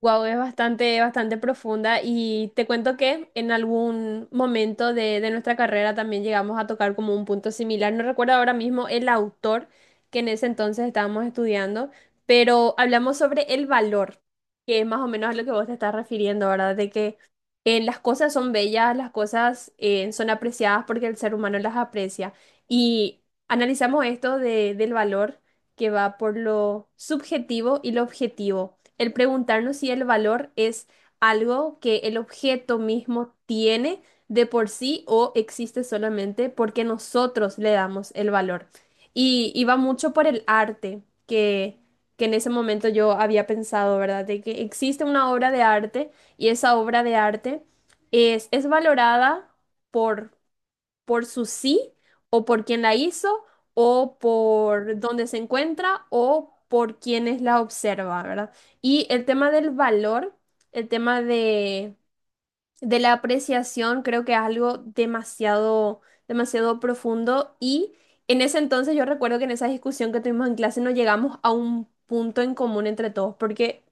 Wow, es bastante, bastante profunda y te cuento que en algún momento de nuestra carrera también llegamos a tocar como un punto similar. No recuerdo ahora mismo el autor que en ese entonces estábamos estudiando, pero hablamos sobre el valor, que es más o menos a lo que vos te estás refiriendo, ¿verdad? De que las cosas son bellas, las cosas son apreciadas porque el ser humano las aprecia. Y analizamos del valor que va por lo subjetivo y lo objetivo. El preguntarnos si el valor es algo que el objeto mismo tiene de por sí o existe solamente porque nosotros le damos el valor. Y va mucho por el arte, que en ese momento yo había pensado, ¿verdad? De que existe una obra de arte y esa obra de arte es valorada por su sí o por quién la hizo o por dónde se encuentra o por quienes la observa, ¿verdad? Y el tema del valor, el tema de la apreciación, creo que es algo demasiado, demasiado profundo y en ese entonces yo recuerdo que en esa discusión que tuvimos en clase no llegamos a un punto en común entre todos porque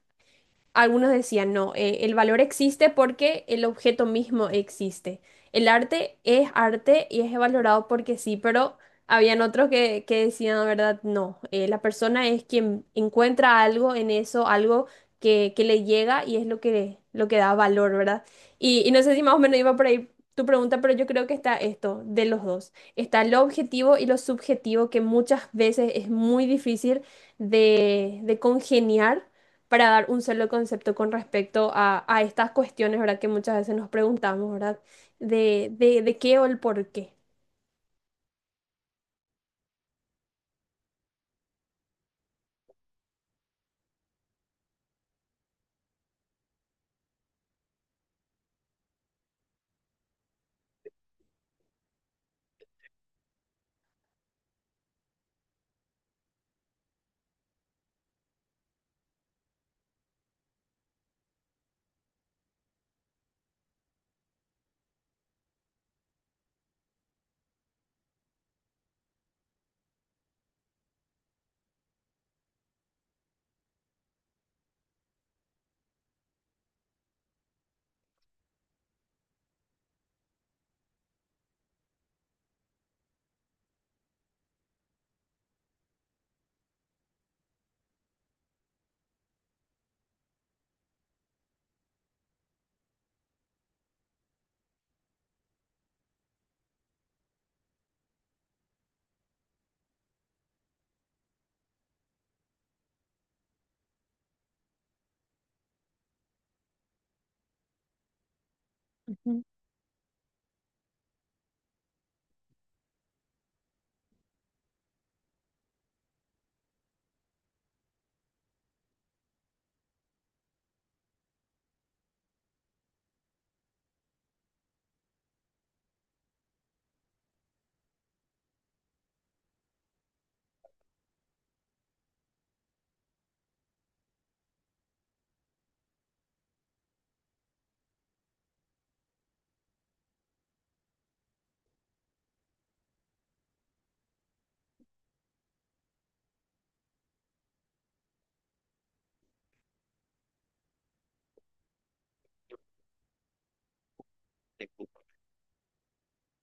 algunos decían, no, el valor existe porque el objeto mismo existe. El arte es arte y es valorado porque sí, pero habían otros que decían, la verdad, no, la persona es quien encuentra algo en eso, algo que le llega y es lo lo que da valor, ¿verdad? Y no sé si más o menos iba por ahí tu pregunta, pero yo creo que está esto, de los dos. Está lo objetivo y lo subjetivo, que muchas veces es muy difícil de congeniar para dar un solo concepto con respecto a estas cuestiones, ¿verdad? Que muchas veces nos preguntamos, ¿verdad? De qué o el por qué. Ujú.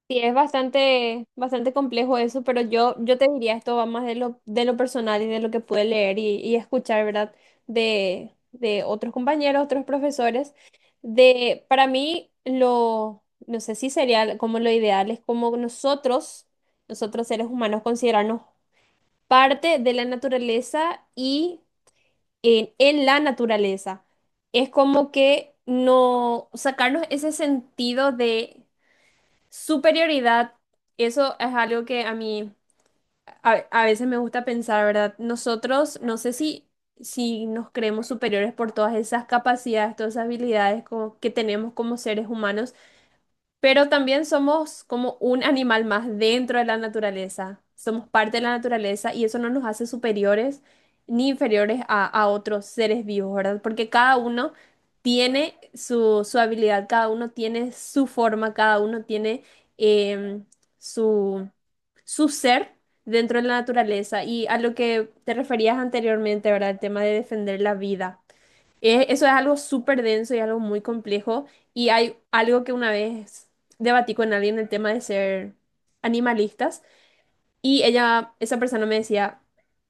Sí, es bastante, bastante complejo eso, pero yo te diría, esto va más de de lo personal y de lo que pude leer y escuchar, ¿verdad? De otros compañeros, otros profesores. De, para mí, lo, no sé si sería como lo ideal, es como nosotros seres humanos, considerarnos parte de la naturaleza y en la naturaleza. Es como que no sacarnos ese sentido de superioridad, eso es algo que a mí a veces me gusta pensar, ¿verdad? Nosotros, no sé si, si nos creemos superiores por todas esas capacidades, todas esas habilidades que tenemos como seres humanos, pero también somos como un animal más dentro de la naturaleza. Somos parte de la naturaleza y eso no nos hace superiores ni inferiores a otros seres vivos, ¿verdad? Porque cada uno tiene su habilidad, cada uno tiene su forma, cada uno tiene em, su, su ser dentro de la naturaleza. Y a lo que te referías anteriormente, ¿verdad? El tema de defender la vida. Eso es algo súper denso y algo muy complejo. Y hay algo que una vez debatí con alguien el tema de ser animalistas. Y ella, esa persona me decía,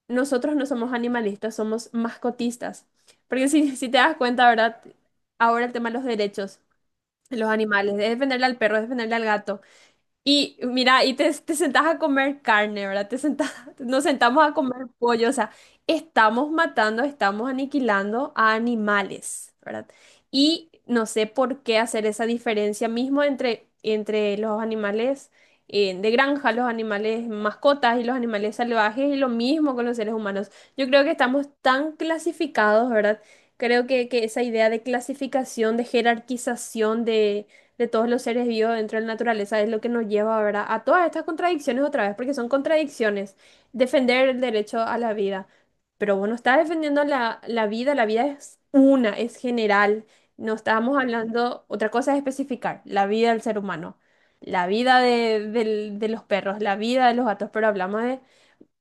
nosotros no somos animalistas, somos mascotistas. Porque si, si te das cuenta, ¿verdad? Ahora el tema de los derechos de los animales, es defenderle al perro, es defenderle al gato. Y mira, te sentás a comer carne, ¿verdad? Te sentás, nos sentamos a comer pollo, o sea, estamos matando, estamos aniquilando a animales, ¿verdad? Y no sé por qué hacer esa diferencia mismo entre los animales de granja, los animales mascotas y los animales salvajes, y lo mismo con los seres humanos. Yo creo que estamos tan clasificados, ¿verdad? Creo que esa idea de clasificación, de jerarquización, de todos los seres vivos dentro de la naturaleza es lo que nos lleva, ¿verdad? A todas estas contradicciones otra vez, porque son contradicciones. Defender el derecho a la vida. Pero bueno, está defendiendo la vida es una, es general. No estábamos hablando, otra cosa es especificar, la vida del ser humano, la vida de los perros, la vida de los gatos, pero hablamos de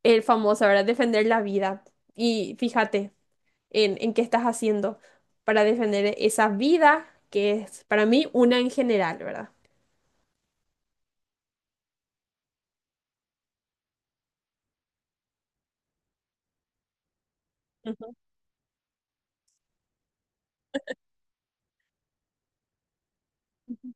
el famoso, ¿verdad? Defender la vida. Y fíjate en qué estás haciendo para defender esa vida que es para mí una en general, ¿verdad? Ujú, ujú.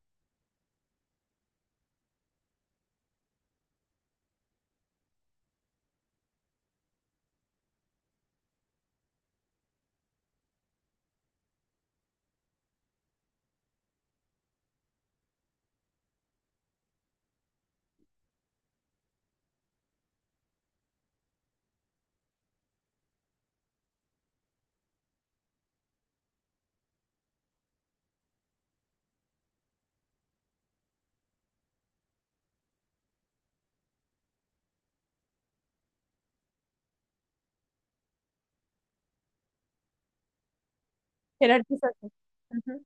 Jerarquización. Ujú.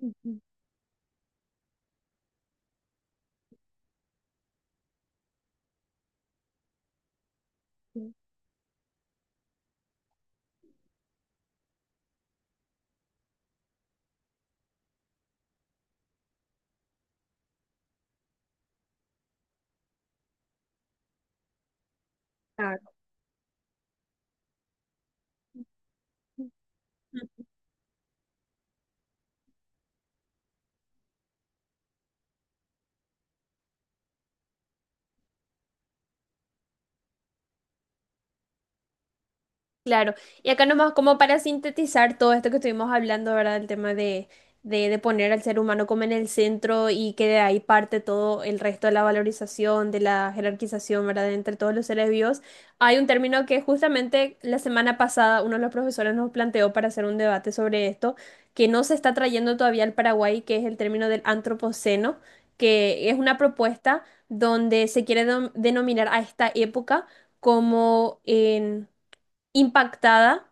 Ujú, ujú. Claro. Claro, y acá nomás como para sintetizar todo esto que estuvimos hablando, ¿verdad? El tema de poner al ser humano como en el centro y que de ahí parte todo el resto de la valorización, de la jerarquización, ¿verdad? Entre todos los seres vivos. Hay un término que justamente la semana pasada uno de los profesores nos planteó para hacer un debate sobre esto, que no se está trayendo todavía al Paraguay, que es el término del antropoceno, que es una propuesta donde se quiere denominar a esta época como en impactada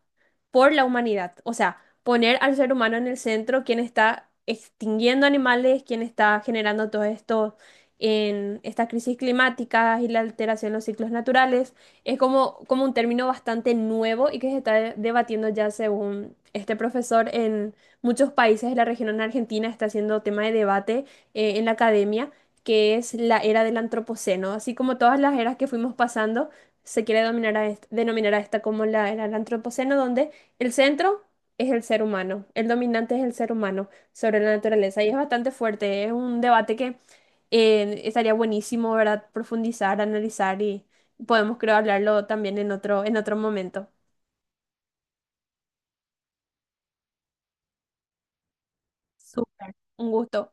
por la humanidad. O sea, poner al ser humano en el centro, quien está extinguiendo animales, quien está generando todo esto en estas crisis climáticas y la alteración de los ciclos naturales, es como, como un término bastante nuevo y que se está debatiendo ya según este profesor en muchos países de la región en Argentina, está haciendo tema de debate en la academia. Que es la era del antropoceno, así como todas las eras que fuimos pasando, se quiere dominar a denominar a esta como la era del antropoceno, donde el centro es el ser humano, el dominante es el ser humano sobre la naturaleza. Y es bastante fuerte, es un debate que estaría buenísimo, ¿verdad? Profundizar, analizar y podemos, creo, hablarlo también en otro momento. Súper. Un gusto.